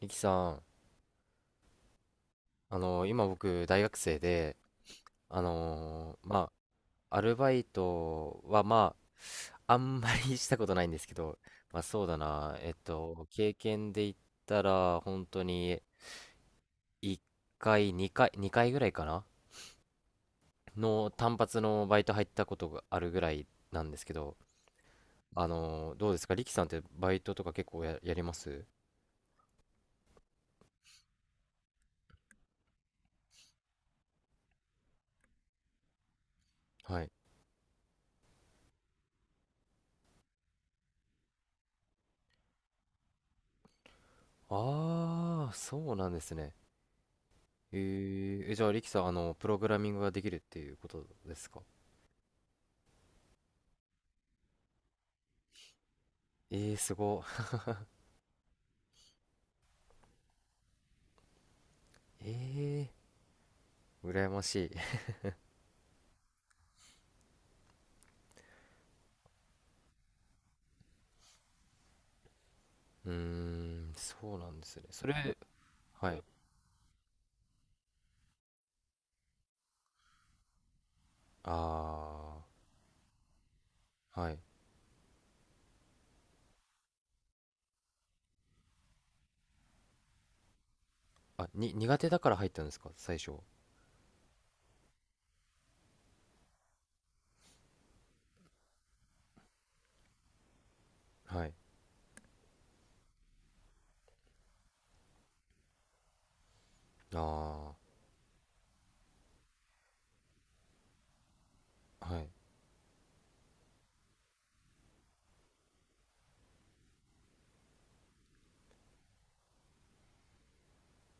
リキさん、今僕大学生で、あのまアルバイトはあんまり したことないんですけど、まあそうだな、経験で言ったら本当に1回2回ぐらいかなの単発のバイト入ったことがあるぐらいなんですけど、どうですか、リキさんってバイトとか結構やります？はい。ああ、そうなんですね。えじゃあ、リキさん、プログラミングができるっていうことですか？えー、すごい。えー、羨ましい。うーん、そうなんですね。それ、はい。あー、はい。あ、苦手だから入ったんですか最初？はい。あー、はい。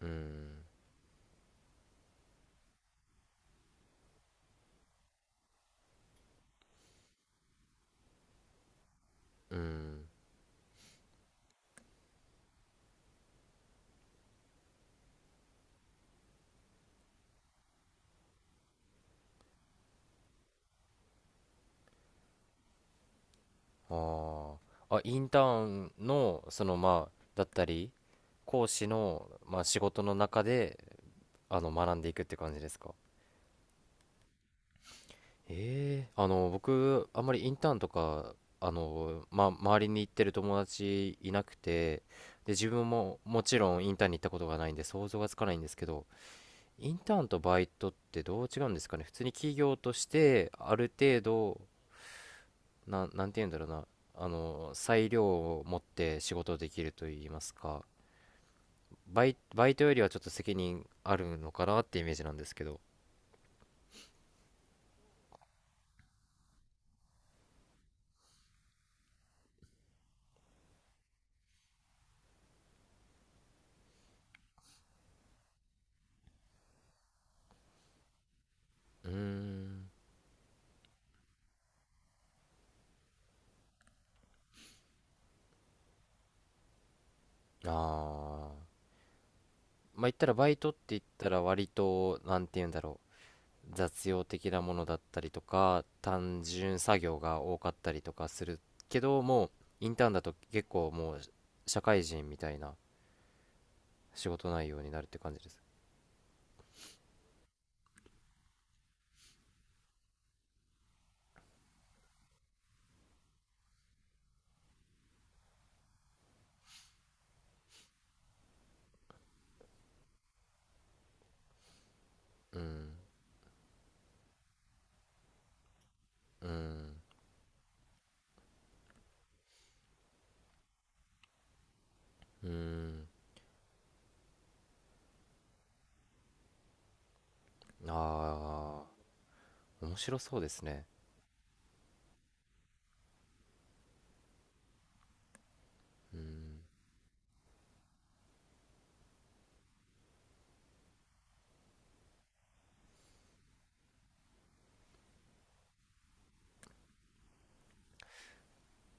うーん、うーん。あー。あ、インターンの、その、まあ、だったり、講師の、まあ、仕事の中で、学んでいくって感じですか？ええ、僕、あんまりインターンとか、まあ、周りに行ってる友達いなくて、で、自分ももちろんインターンに行ったことがないんで想像がつかないんですけど、インターンとバイトってどう違うんですかね。普通に企業として、ある程度、なんて言うんだろうな、裁量を持って仕事できると言いますか、バイトよりはちょっと責任あるのかなってイメージなんですけど。うーん、ああ。まあ言ったらバイトって言ったら割となんて言うんだろう、雑用的なものだったりとか単純作業が多かったりとかするけど、もうインターンだと結構もう社会人みたいな仕事内容になるって感じです？うんうんうん。ああ、面白そうですね。うん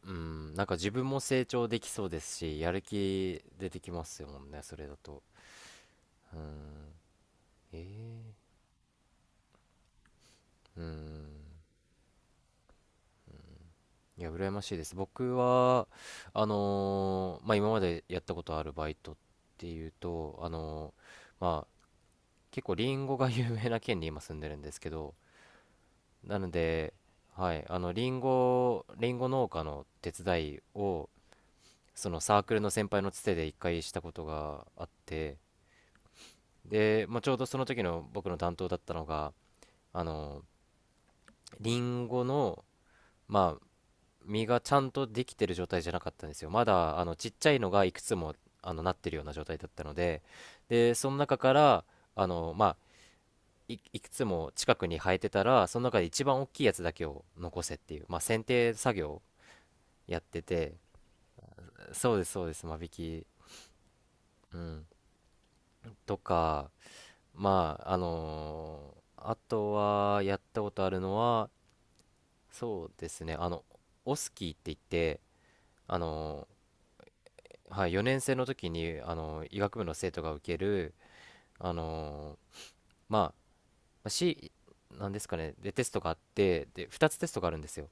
うん。なんか自分も成長できそうですし、やる気出てきますよもんね、それだと。うん、ええ、うん。いや、羨ましいです。僕は、まあ、今までやったことあるバイトっていうと、まあ、結構リンゴが 有名な県に今住んでるんですけど、なので、はい、リンゴ農家の手伝いを、そのサークルの先輩のつてで一回したことがあって、で、まあ、ちょうどその時の僕の担当だったのが、あのリンゴの、まあ、実がちゃんとできてる状態じゃなかったんですよ。まだちっちゃいのがいくつもなってるような状態だったので、で、その中からまあ、いくつも近くに生えてたらその中で一番大きいやつだけを残せっていう、まあ、剪定作業をやってて。そうです、そうです、間引き、うん、とか。まあ、あとはやったことあるのは、そうですね、オスキーって言って、あのはい、4年生の時に医学部の生徒が受ける、あのまあ、なんですかね、でテストがあって、で2つテストがあるんですよ。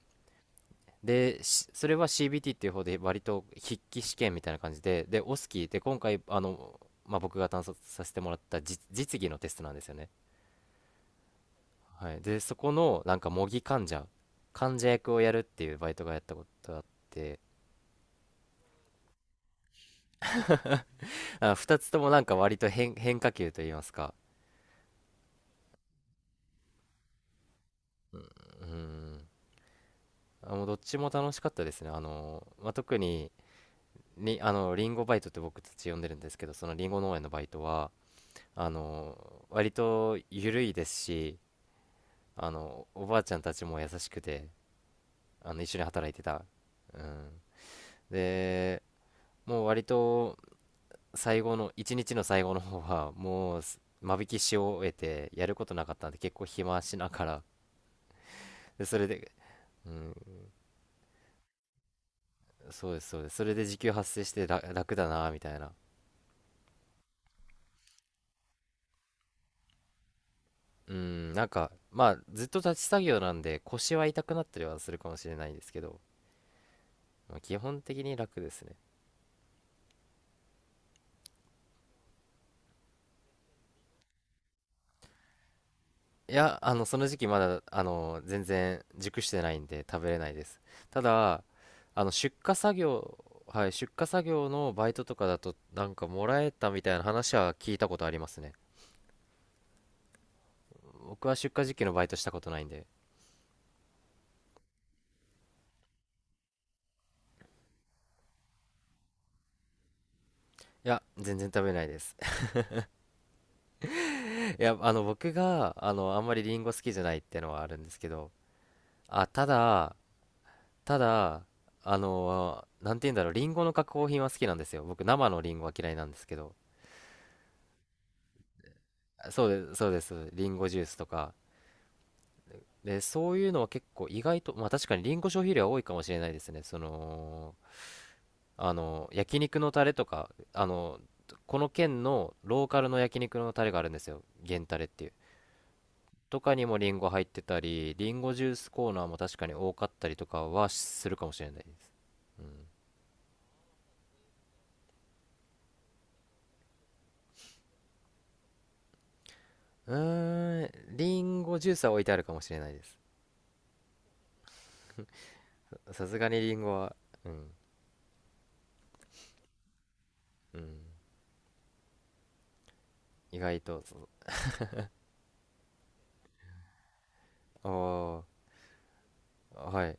でそれは CBT っていう方で割と筆記試験みたいな感じで、でオスキーで今回、まあ、僕が担当させてもらった実技のテストなんですよね、はい。でそこのなんか模擬患者患者役をやるっていうバイトがやったことがあって。あ、2つともなんか割と変化球といいますか。うん。あ、もうどっちも楽しかったですね。あの、まあ、特に、りあの、リンゴバイトって僕たち呼んでるんですけど、そのリンゴ農園のバイトは、あの、割と緩いですし、おばあちゃんたちも優しくて、一緒に働いてた。うん。で、もう割と最後の、一日の最後の方は、もう間引きし終えて、やることなかったんで、結構暇しながら、で、それで、うん、そうです、そうです。それで時給発生してら楽だな、みたいな。うん、なんか、まあ、ずっと立ち作業なんで、腰は痛くなったりはするかもしれないんですけど、まあ、基本的に楽ですね。いや、その時期まだ、全然熟してないんで食べれないです。ただ、出荷作業、はい、出荷作業のバイトとかだと、なんかもらえたみたいな話は聞いたことありますね。僕は出荷時期のバイトしたことないんで。いや、全然食べれないです。いや、僕が、あんまりリンゴ好きじゃないってのはあるんですけど、あ、ただ、なんて言うんだろう、リンゴの加工品は好きなんですよ。僕、生のリンゴは嫌いなんですけど。あ、そうです、そうです。リンゴジュースとか。で、そういうのは結構意外と、まあ確かにリンゴ消費量は多いかもしれないですね。その、焼肉のタレとか、この県のローカルの焼肉のタレがあるんですよ。源タレっていう。とかにもリンゴ入ってたり、リンゴジュースコーナーも確かに多かったりとかはするかもしれないです。うん。うーん、リンゴジュースは置いてあるかもしれないです。さすがにリンゴは、うん、うん、意外と、そう、あー、はい。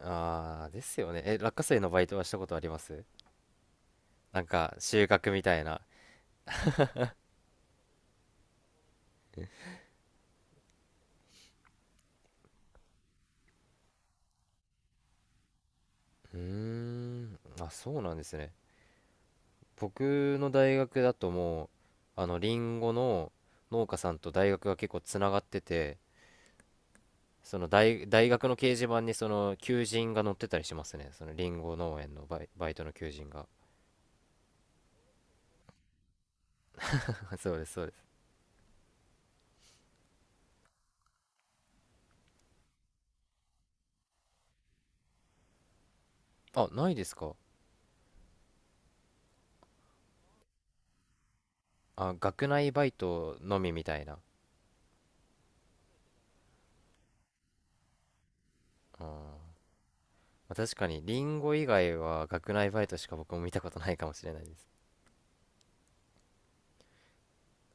あー、ですよね。え、落花生のバイトはしたことあります？なんか、収穫みたいな。うーん、あ、そうなんですね。僕の大学だともう、リンゴの農家さんと大学が結構つながってて、大学の掲示板にその求人が載ってたりしますね。そのリンゴ農園のバイトの求人が。そうです、そうです。あ、ないですか？あ、学内バイトのみみたいな。あー、まあ確かに、リンゴ以外は学内バイトしか僕も見たことないかもしれないです。